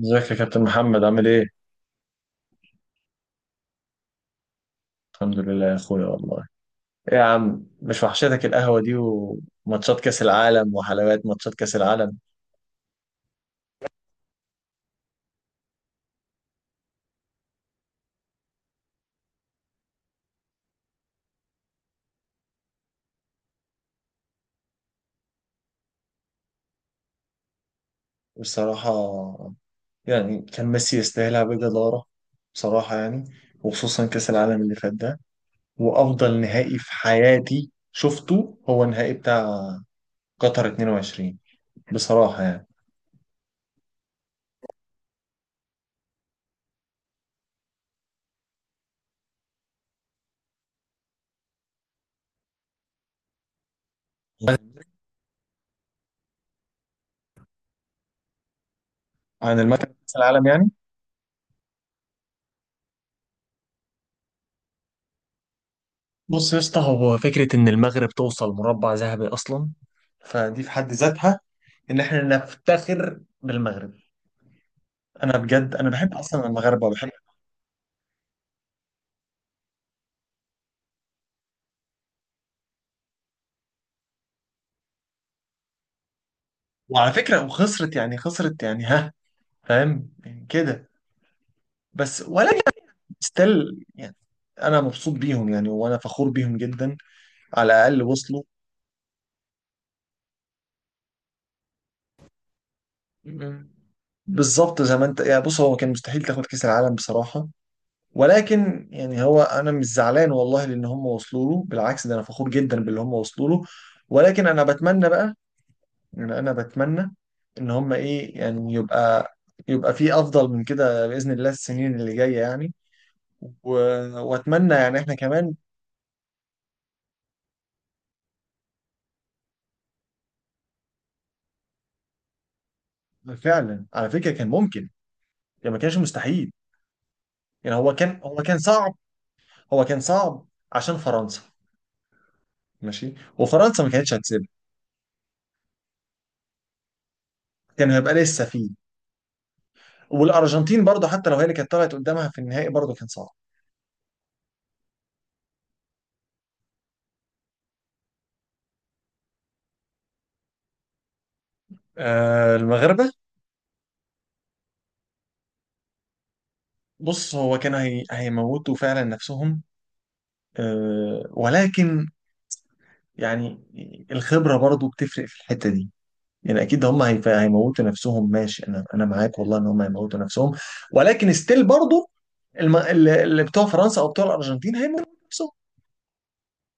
ازيك يا كابتن محمد عامل ايه؟ الحمد لله يا اخويا والله. ايه يا عم، مش وحشتك القهوة دي وماتشات كأس العالم وحلوات ماتشات كأس العالم؟ بصراحة يعني كان ميسي يستاهلها بجدارة. بصراحة يعني. وخصوصا كأس العالم اللي فات ده. وأفضل نهائي في حياتي شفته هو النهائي بتاع قطر 22. بصراحة يعني. عن المكان كأس العالم يعني. بص يا اسطى، هو فكرة إن المغرب توصل مربع ذهبي أصلا، فدي في حد ذاتها، إن إحنا نفتخر بالمغرب. أنا بجد، أنا بحب أصلا المغاربة وبحب. وعلى فكرة، وخسرت يعني، خسرت يعني، ها، فاهم يعني كده. بس ولا ستيل يعني. أنا مبسوط بيهم يعني، وأنا فخور بيهم جدا. على الأقل وصلوا. بالظبط زي ما أنت يعني، بص هو كان مستحيل تاخد كأس العالم بصراحة، ولكن يعني هو انا مش زعلان والله لان هم وصلوا له، بالعكس ده انا فخور جدا باللي هم وصلوا له. ولكن انا بتمنى بقى، يعني انا بتمنى ان هم ايه يعني يبقى، يبقى في افضل من كده باذن الله السنين اللي جايه يعني. و... واتمنى يعني احنا كمان. فعلا على فكره كان ممكن، يعني ما كانش مستحيل. يعني هو كان صعب. هو كان صعب عشان فرنسا. ماشي. وفرنسا ما كانتش هتسيبها، كان هيبقى لسه فيه. والارجنتين برضه حتى لو هي اللي كانت طلعت قدامها في النهائي برضه كان صعب. المغاربة. بص هو كانوا هيموتوا فعلا نفسهم. ولكن يعني الخبرة برضو بتفرق في الحتة دي. يعني أكيد هم هيموتوا نفسهم، ماشي، أنا معاك والله إن هم هيموتوا نفسهم. ولكن ستيل برضو اللي بتوع فرنسا أو بتوع الأرجنتين هيموتوا نفسهم،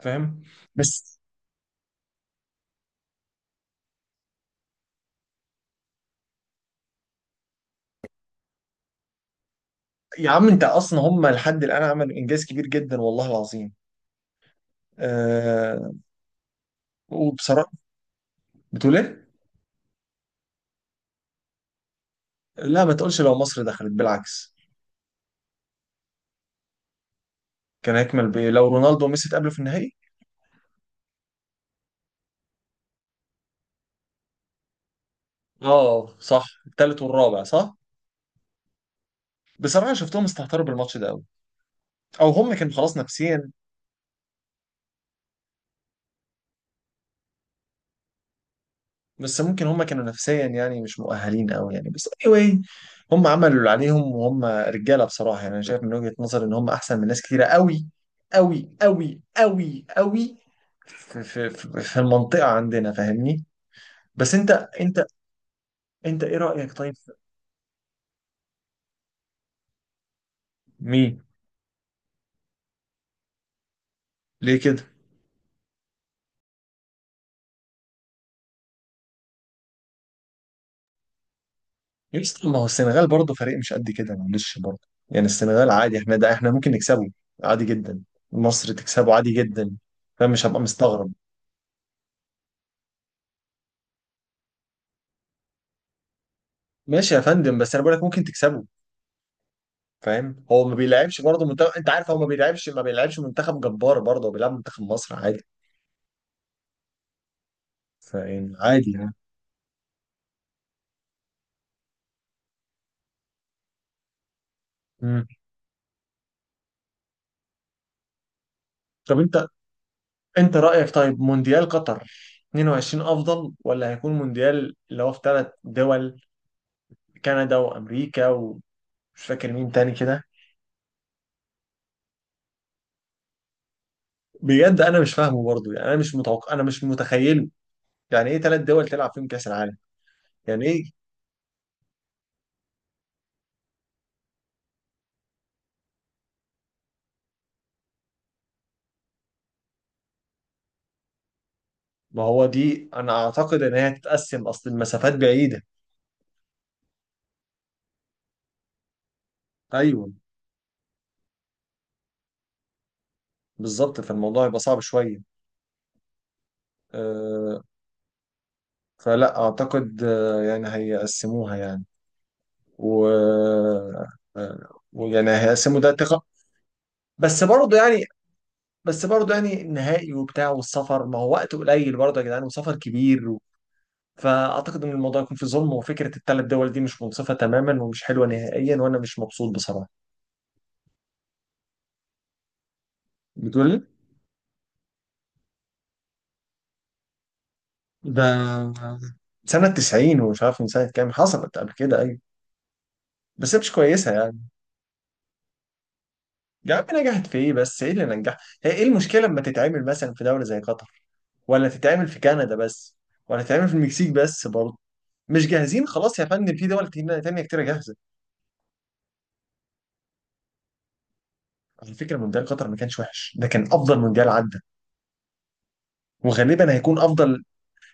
فاهم؟ بس يا عم أنت أصلا هم لحد الآن عملوا إنجاز كبير جدا والله العظيم. أه... وبصراحة. بتقول إيه؟ لا ما تقولش لو مصر دخلت، بالعكس. كان هيكمل بإيه لو رونالدو وميسي اتقابلوا في النهائي؟ اه صح، التالت والرابع، صح. بصراحة شفتهم استهتروا بالماتش ده قوي، او هم كانوا خلاص نفسيا. بس ممكن هم كانوا نفسيا يعني مش مؤهلين قوي يعني، بس anyway هم عملوا اللي عليهم وهم رجالة بصراحة، يعني انا شايف من وجهة نظري ان هم احسن من ناس كتيرة قوي، قوي قوي قوي قوي في المنطقة عندنا، فاهمني؟ بس انت انت ايه رأيك طيب مين؟ ليه كده؟ يا اسطى، ما هو السنغال برضه فريق مش قد كده، معلش برضه. يعني السنغال عادي، احنا ده احنا ممكن نكسبه عادي جدا، مصر تكسبه عادي جدا. فاهم؟ مش هبقى مستغرب. ماشي يا فندم، بس انا بقول لك ممكن تكسبه. فاهم؟ هو ما بيلعبش برضه منتخب، انت عارف، هو ما بيلعبش منتخب جبار برضه، هو بيلعب منتخب مصر عادي. فيعني عادي يعني. مم. طب انت رأيك طيب مونديال قطر 22 افضل ولا هيكون مونديال اللي هو في 3 دول، كندا وامريكا ومش فاكر مين تاني كده؟ بجد انا مش فاهمه برضه يعني، انا مش متوقع، انا مش متخيله. يعني ايه 3 دول تلعب فيهم كاس العالم؟ يعني ايه؟ ما هو دي انا اعتقد ان هي هتتقسم، اصل المسافات بعيده. ايوه، بالظبط، فالموضوع يبقى صعب شويه. أه فلا اعتقد، يعني هيقسموها يعني. و آه، ويعني هيقسموا ده ثقه. بس برضه يعني، بس برضه يعني النهائي وبتاع والسفر، ما هو وقت قليل برضه يا جدعان وسفر كبير، فاعتقد ان الموضوع يكون فيه ظلم، وفكره ال3 دول دي مش منصفه تماما ومش حلوه نهائيا وانا مش مبسوط بصراحه. بتقول لي ده سنه 90؟ ومش عارف من سنه كام حصلت قبل كده، ايوه، بس هي مش كويسه يعني. يا عم، نجحت في ايه؟ بس ايه اللي نجح؟ هي ايه المشكله لما تتعمل مثلا في دوله زي قطر؟ ولا تتعمل في كندا بس؟ ولا تتعمل في المكسيك بس برضه؟ مش جاهزين خلاص يا فندم، في دول تانية كتيرة جاهزة. على فكرة، مونديال قطر ما كانش وحش، ده كان أفضل مونديال عدى، وغالبا هيكون أفضل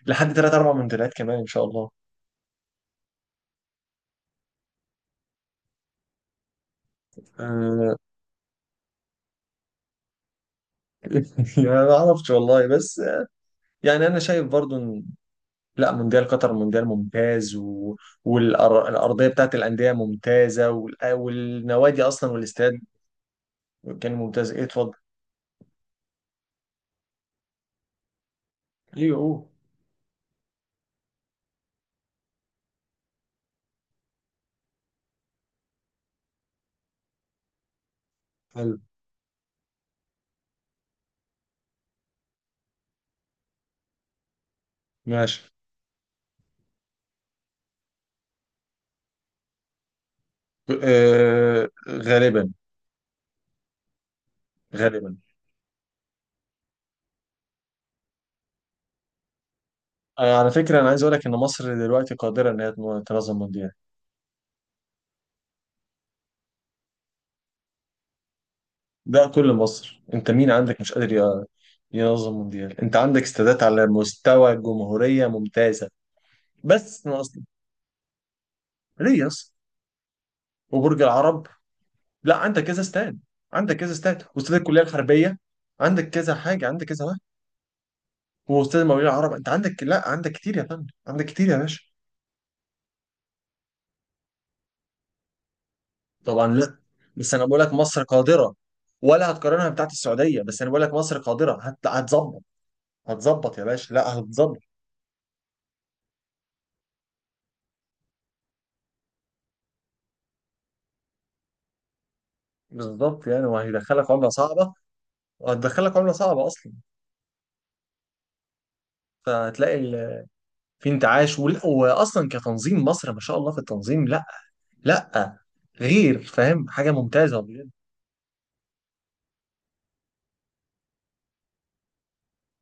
لحد 3 4 مونديالات كمان إن شاء الله. آه، يعني ما اعرفش والله، بس يعني انا شايف برضو ان لا، مونديال قطر مونديال ممتاز، والارضيه بتاعت الانديه ممتازه، والنوادي اصلا، والاستاد كان ممتاز. ايه، اتفضل. ايه؟ اوه. حلو. ماشي. غالبا. غالبا. على فكره انا عايز اقول لك ان مصر دلوقتي قادره ان هي تنظم مونديال. ده كل مصر، انت مين عندك مش قادر ينظم مونديال؟ انت عندك استادات على مستوى الجمهوريه ممتازه، بس ناقص. ليه يا اسطى؟ وبرج العرب. لا، عندك كذا استاد، عندك كذا استاد، واستاد الكليه الحربيه، عندك كذا حاجه، عندك كذا واحد، واستاد المقاولين العرب. انت عندك، لا عندك كتير يا فندم، عندك كتير يا باشا. طبعا لا. بس انا بقول لك مصر قادره. ولا هتقارنها بتاعت السعوديه، بس انا بقول لك مصر قادره، هتظبط. هتظبط يا باشا، لا هتظبط. بالظبط، يعني وهيدخلك عمله صعبه، وهتدخلك عمله صعبه اصلا. فهتلاقي في انتعاش، واصلا كتنظيم مصر ما شاء الله في التنظيم، لا لا، غير فاهم، حاجه ممتازه بجد.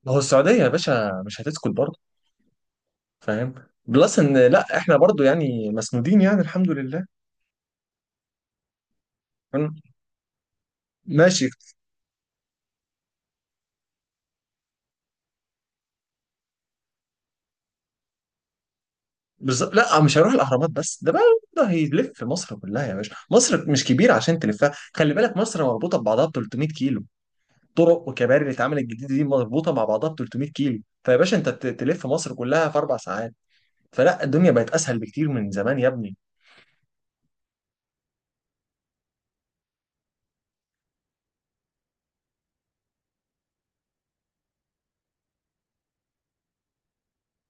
ما هو السعوديه يا باشا مش هتسكت برضه، فاهم؟ بلس ان لا احنا برضه يعني مسنودين، يعني الحمد لله. فاهم؟ ماشي. بالظبط، لا مش هيروح الاهرامات بس، ده بقى ده هيلف مصر كلها يا باشا، مصر مش كبيره عشان تلفها، خلي بالك مصر مربوطه ببعضها ب 300 كيلو، طرق وكباري اللي اتعملت جديد دي مربوطه مع بعضها ب 300 كيلو، فيا باشا انت تلف مصر كلها في 4 ساعات، فلا الدنيا بقت اسهل بكتير من زمان يا ابني.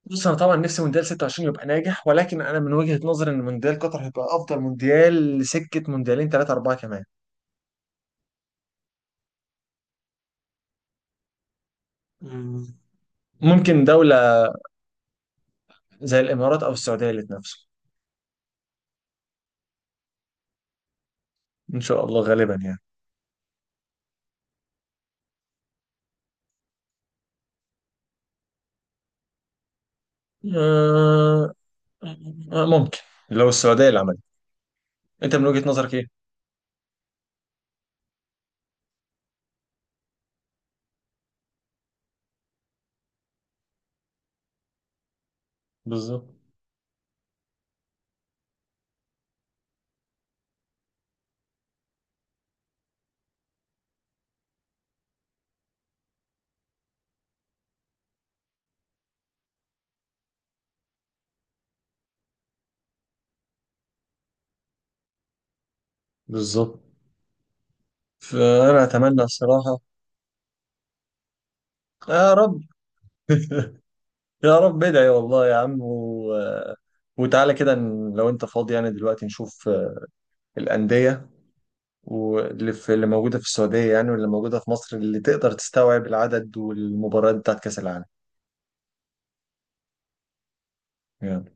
بص، انا طبعا نفسي مونديال 26 يبقى ناجح، ولكن انا من وجهة نظري ان مونديال قطر هيبقى افضل مونديال لسكة مونديالين 3 4 كمان. مم. ممكن دولة زي الامارات او السعودية اللي تنافسه. ان شاء الله، غالبا يعني. آه ممكن لو السعودية اللي عملت. انت من وجهة نظرك ايه؟ بالظبط، بالظبط، فانا اتمنى الصراحة. يا رب. يا رب، ادعي والله يا عم، وتعالى كده لو انت فاضي يعني دلوقتي نشوف الأندية واللي في اللي موجودة في السعودية، يعني واللي موجودة في مصر اللي تقدر تستوعب العدد والمباريات بتاعت كأس العالم، يعني.